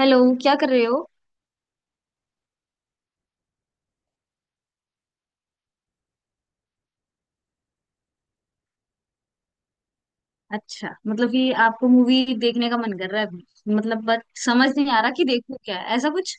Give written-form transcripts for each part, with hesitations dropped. Hello. क्या कर रहे हो? अच्छा, मतलब कि आपको मूवी देखने का मन कर रहा है अभी, मतलब बट समझ नहीं आ रहा कि देखूं क्या ऐसा कुछ।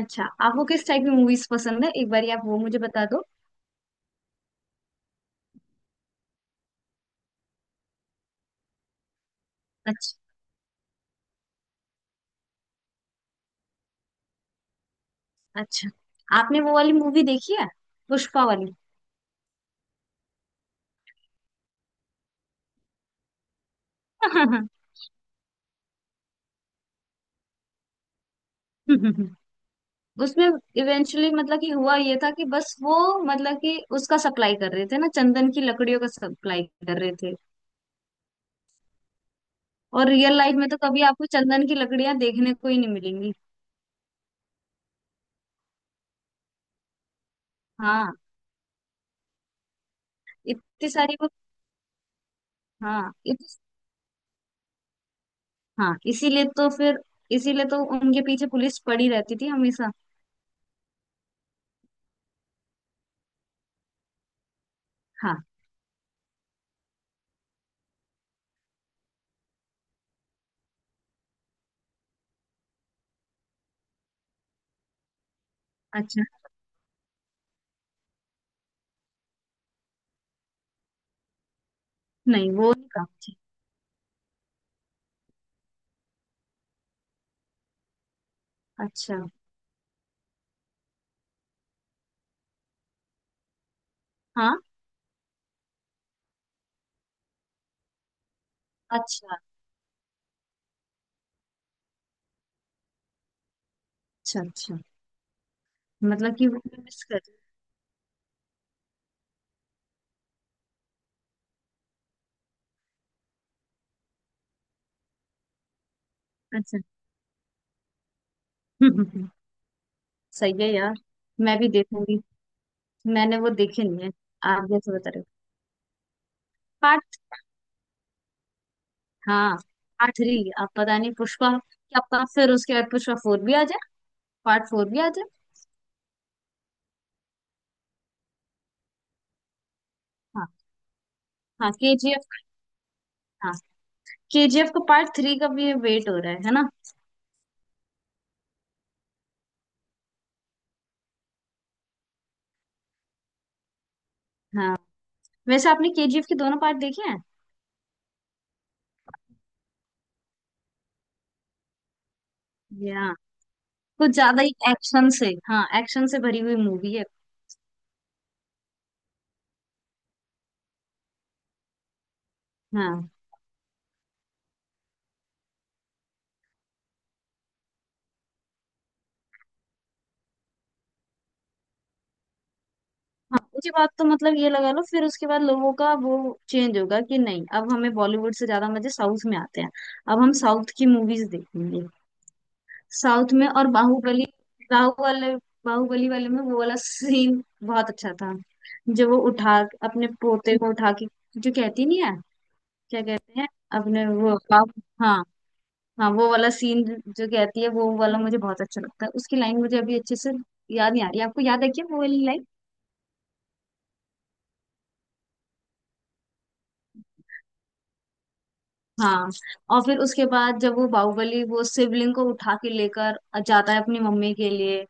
अच्छा, आपको किस टाइप की मूवीज पसंद है? एक बार आप वो मुझे बता दो। अच्छा, अच्छा। आपने वो वाली मूवी देखी है? पुष्पा वाली? उसमें इवेंचुअली मतलब कि हुआ ये था कि बस वो, मतलब कि उसका सप्लाई कर रहे थे ना, चंदन की लकड़ियों का सप्लाई कर रहे थे। और रियल लाइफ में तो कभी आपको चंदन की लकड़ियां देखने को ही नहीं मिलेंगी। हाँ, इतनी सारी वो। हाँ, इतनी। हाँ, इसीलिए तो फिर, इसीलिए तो उनके पीछे पुलिस पड़ी रहती थी हमेशा। हाँ। अच्छा। नहीं, वो नहीं काम थी। अच्छा। हाँ। अच्छा, अच्छा। अच्छा, मतलब कि वो मिस कर रही। अच्छा। हम्म। सही है यार, मैं भी देखूंगी। मैंने वो देखे नहीं है, आप जैसे बता रहे हो। पार्ट, हाँ। पार्ट थ्री, आप पता नहीं पुष्पा क्या पता फिर उसके बाद पुष्पा फोर भी आ जाए, पार्ट फोर भी आ जाए। हाँ। हाँ, केजीएफ। हाँ, केजीएफ का पार्ट थ्री का भी वेट हो रहा है ना? हाँ। वैसे आपने केजीएफ के दोनों पार्ट देखे हैं? या कुछ ज्यादा ही एक्शन से, हाँ, एक्शन से भरी हुई मूवी है। हाँ। हाँ, उसके बाद तो मतलब ये लगा लो फिर उसके बाद लोगों का वो चेंज होगा कि नहीं अब हमें बॉलीवुड से ज्यादा मजे साउथ में आते हैं। अब हम साउथ की मूवीज देखेंगे, साउथ में। और बाहुबली, बाहुबली, बाहुबली वाले में वो वाला सीन बहुत अच्छा था, जो वो उठा, अपने पोते को उठा के, जो कहती नहीं है, क्या कहते हैं, अपने वो बाहु। हाँ। हाँ, वो वाला सीन जो कहती है, वो वाला मुझे बहुत अच्छा लगता है। उसकी लाइन मुझे अभी अच्छे से याद नहीं आ रही, आपको याद है क्या वो वाली लाइन? हाँ। और फिर उसके बाद जब वो बाहुबली वो शिवलिंग को उठा के लेकर जाता है अपनी मम्मी के लिए।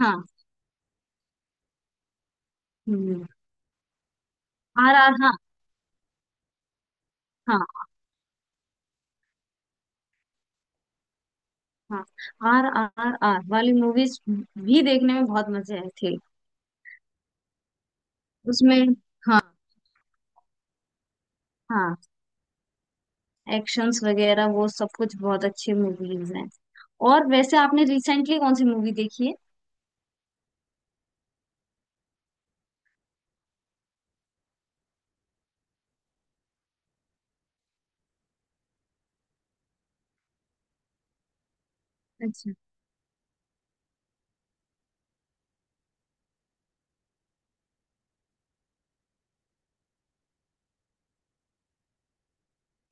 हाँ। हम्म। आर आर, हाँ। हाँ। हाँ, आर आर आर वाली मूवीज भी देखने में बहुत मजे आए थे। उसमें, हाँ। हाँ, एक्शंस वगैरह वो सब कुछ बहुत अच्छी मूवीज हैं। और वैसे आपने रिसेंटली कौन सी मूवी देखी है? अच्छा।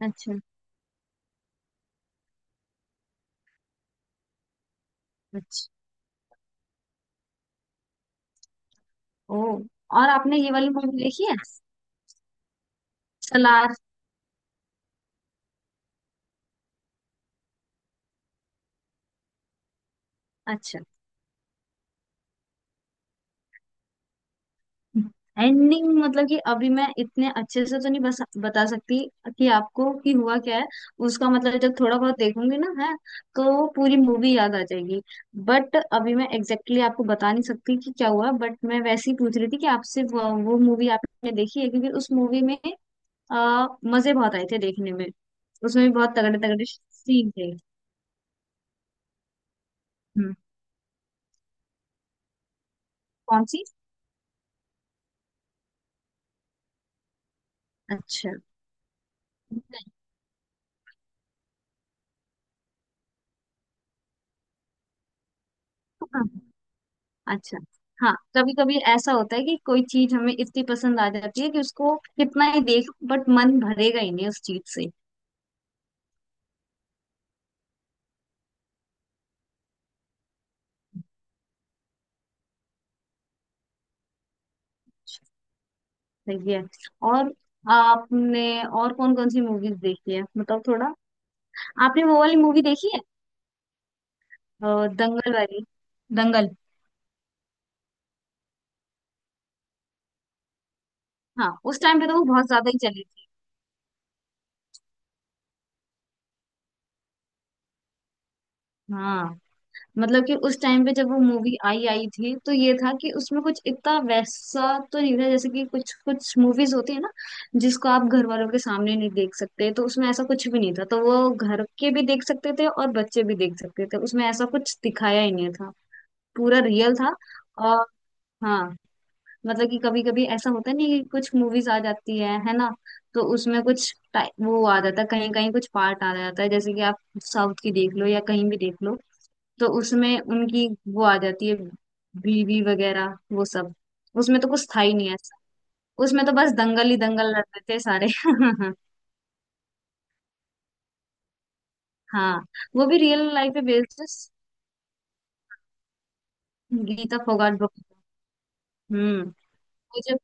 अच्छा। अच्छा। ओ। और आपने ये वाली मूवी देखी है? सलार। अच्छा, एंडिंग मतलब कि अभी मैं इतने अच्छे से तो नहीं बस बता सकती कि आपको कि हुआ क्या है उसका। मतलब जब थोड़ा बहुत देखूंगी ना, है तो पूरी मूवी याद आ जाएगी। बट अभी मैं एग्जैक्टली exactly आपको बता नहीं सकती कि क्या हुआ, बट मैं वैसे ही पूछ रही थी कि आपसे वो मूवी आपने देखी है क्योंकि उस मूवी में, आ, मजे बहुत आए थे देखने में। उसमें भी बहुत तगड़े तगड़े सीन थे। हम्म। कौन सी? अच्छा, अच्छा। हाँ, कभी कभी ऐसा होता है कि कोई चीज हमें इतनी पसंद आ जाती है कि उसको कितना ही देख, बट मन भरेगा ही नहीं उस चीज से। सही है। और आपने और कौन कौन सी मूवीज देखी है, मतलब थोड़ा? आपने वो वाली मूवी देखी है? दंगल वाली, दंगल। हाँ, उस टाइम पे तो वो बहुत ज्यादा ही चली थी। हाँ, मतलब कि उस टाइम पे जब वो मूवी आई आई थी तो ये था कि उसमें कुछ इतना वैसा तो नहीं था, जैसे कि कुछ कुछ मूवीज होती है ना, जिसको आप घर वालों के सामने नहीं देख सकते, तो उसमें ऐसा कुछ भी नहीं था, तो वो घर के भी देख सकते थे और बच्चे भी देख सकते थे, उसमें ऐसा कुछ दिखाया ही नहीं था। पूरा रियल था। और हाँ, मतलब कि कभी कभी ऐसा होता नहीं कि कुछ मूवीज आ जाती है ना? तो उसमें कुछ वो आ जाता है, कहीं कहीं कुछ पार्ट आ जाता है, जैसे कि आप साउथ की देख लो या कहीं भी देख लो, तो उसमें उनकी वो आ जाती है, बीवी वगैरह वो सब। उसमें तो कुछ था ही नहीं ऐसा, उसमें तो बस दंगल ही दंगल लड़ते थे सारे। हाँ, वो भी रियल लाइफ पे बेस्ड है, गीता फोगाट बुक। हम्म। वो जब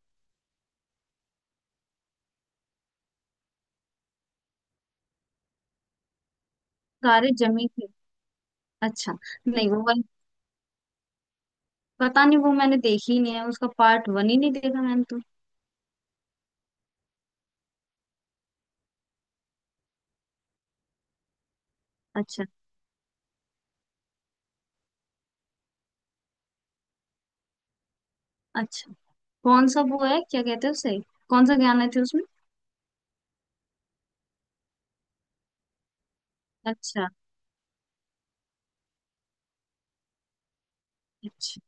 सारे जमी थे। अच्छा, नहीं वो वाली, पता नहीं, वो मैंने देखी ही नहीं है, उसका पार्ट वन ही नहीं देखा मैंने तो। अच्छा, अच्छा। कौन सा वो है, क्या कहते हैं उसे? कौन सा गाना थे उसमें? अच्छा। अच्छा।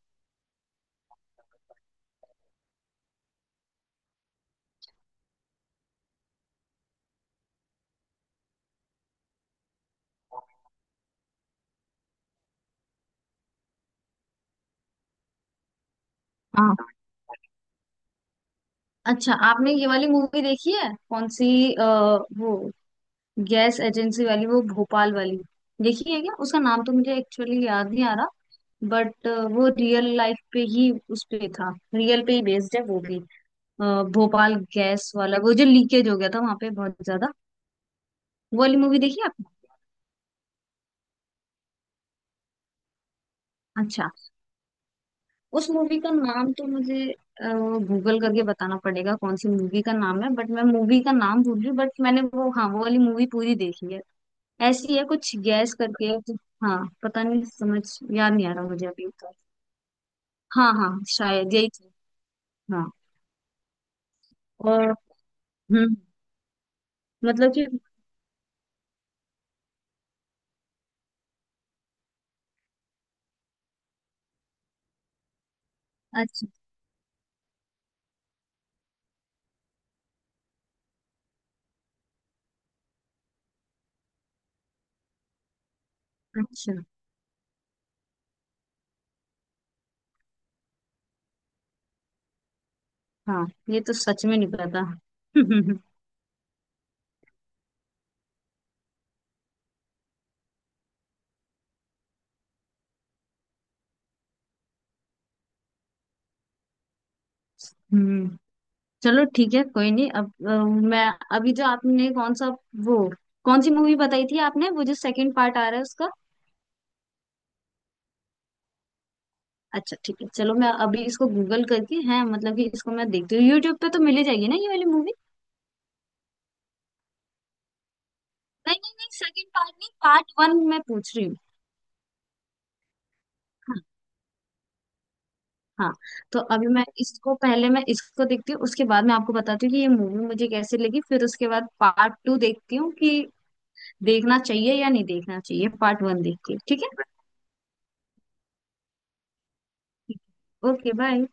हाँ। अच्छा, आपने ये वाली मूवी देखी है, कौन सी? अ, वो गैस एजेंसी वाली, वो भोपाल वाली। देखी है क्या? उसका नाम तो मुझे एक्चुअली याद नहीं आ रहा, बट वो रियल लाइफ पे ही, उस पे था, रियल पे ही बेस्ड है वो भी। अ, भोपाल गैस वाला वो जो लीकेज हो गया था, वहां पे बहुत ज्यादा। वो वाली मूवी देखी आपने? अच्छा, उस मूवी का नाम तो मुझे गूगल करके बताना पड़ेगा कौन सी मूवी का नाम है, बट मैं मूवी का नाम भूल रही हूँ, बट मैंने वो, हाँ, वो वाली मूवी पूरी देखी है। ऐसी है कुछ गैस करके। हाँ, पता नहीं समझ याद नहीं आ रहा मुझे अभी तो। हाँ, हाँ, शायद यही थी। हाँ। और हम्म, मतलब कि, अच्छा, अच्छा। हाँ, ये तो सच में नहीं पता। हम्म। चलो ठीक है, कोई नहीं, अब मैं, अभी जो आपने कौन सा वो, कौन सी मूवी बताई थी आपने, वो जो सेकंड पार्ट आ रहा है उसका? अच्छा, ठीक है, चलो मैं अभी इसको गूगल करके है, मतलब कि इसको मैं देखती हूँ, यूट्यूब पे तो मिल ही जाएगी ना ये वाली मूवी? नहीं नहीं नहीं, सेकंड पार्ट नहीं, पार्ट वन मैं पूछ रही हूँ। हाँ, तो अभी मैं इसको पहले मैं इसको देखती हूँ, उसके बाद मैं आपको बताती हूँ कि ये मूवी मुझे कैसे लगी, फिर उसके बाद पार्ट टू देखती हूँ कि देखना चाहिए या नहीं देखना चाहिए पार्ट वन देख के, ठीक है, ओके बाय।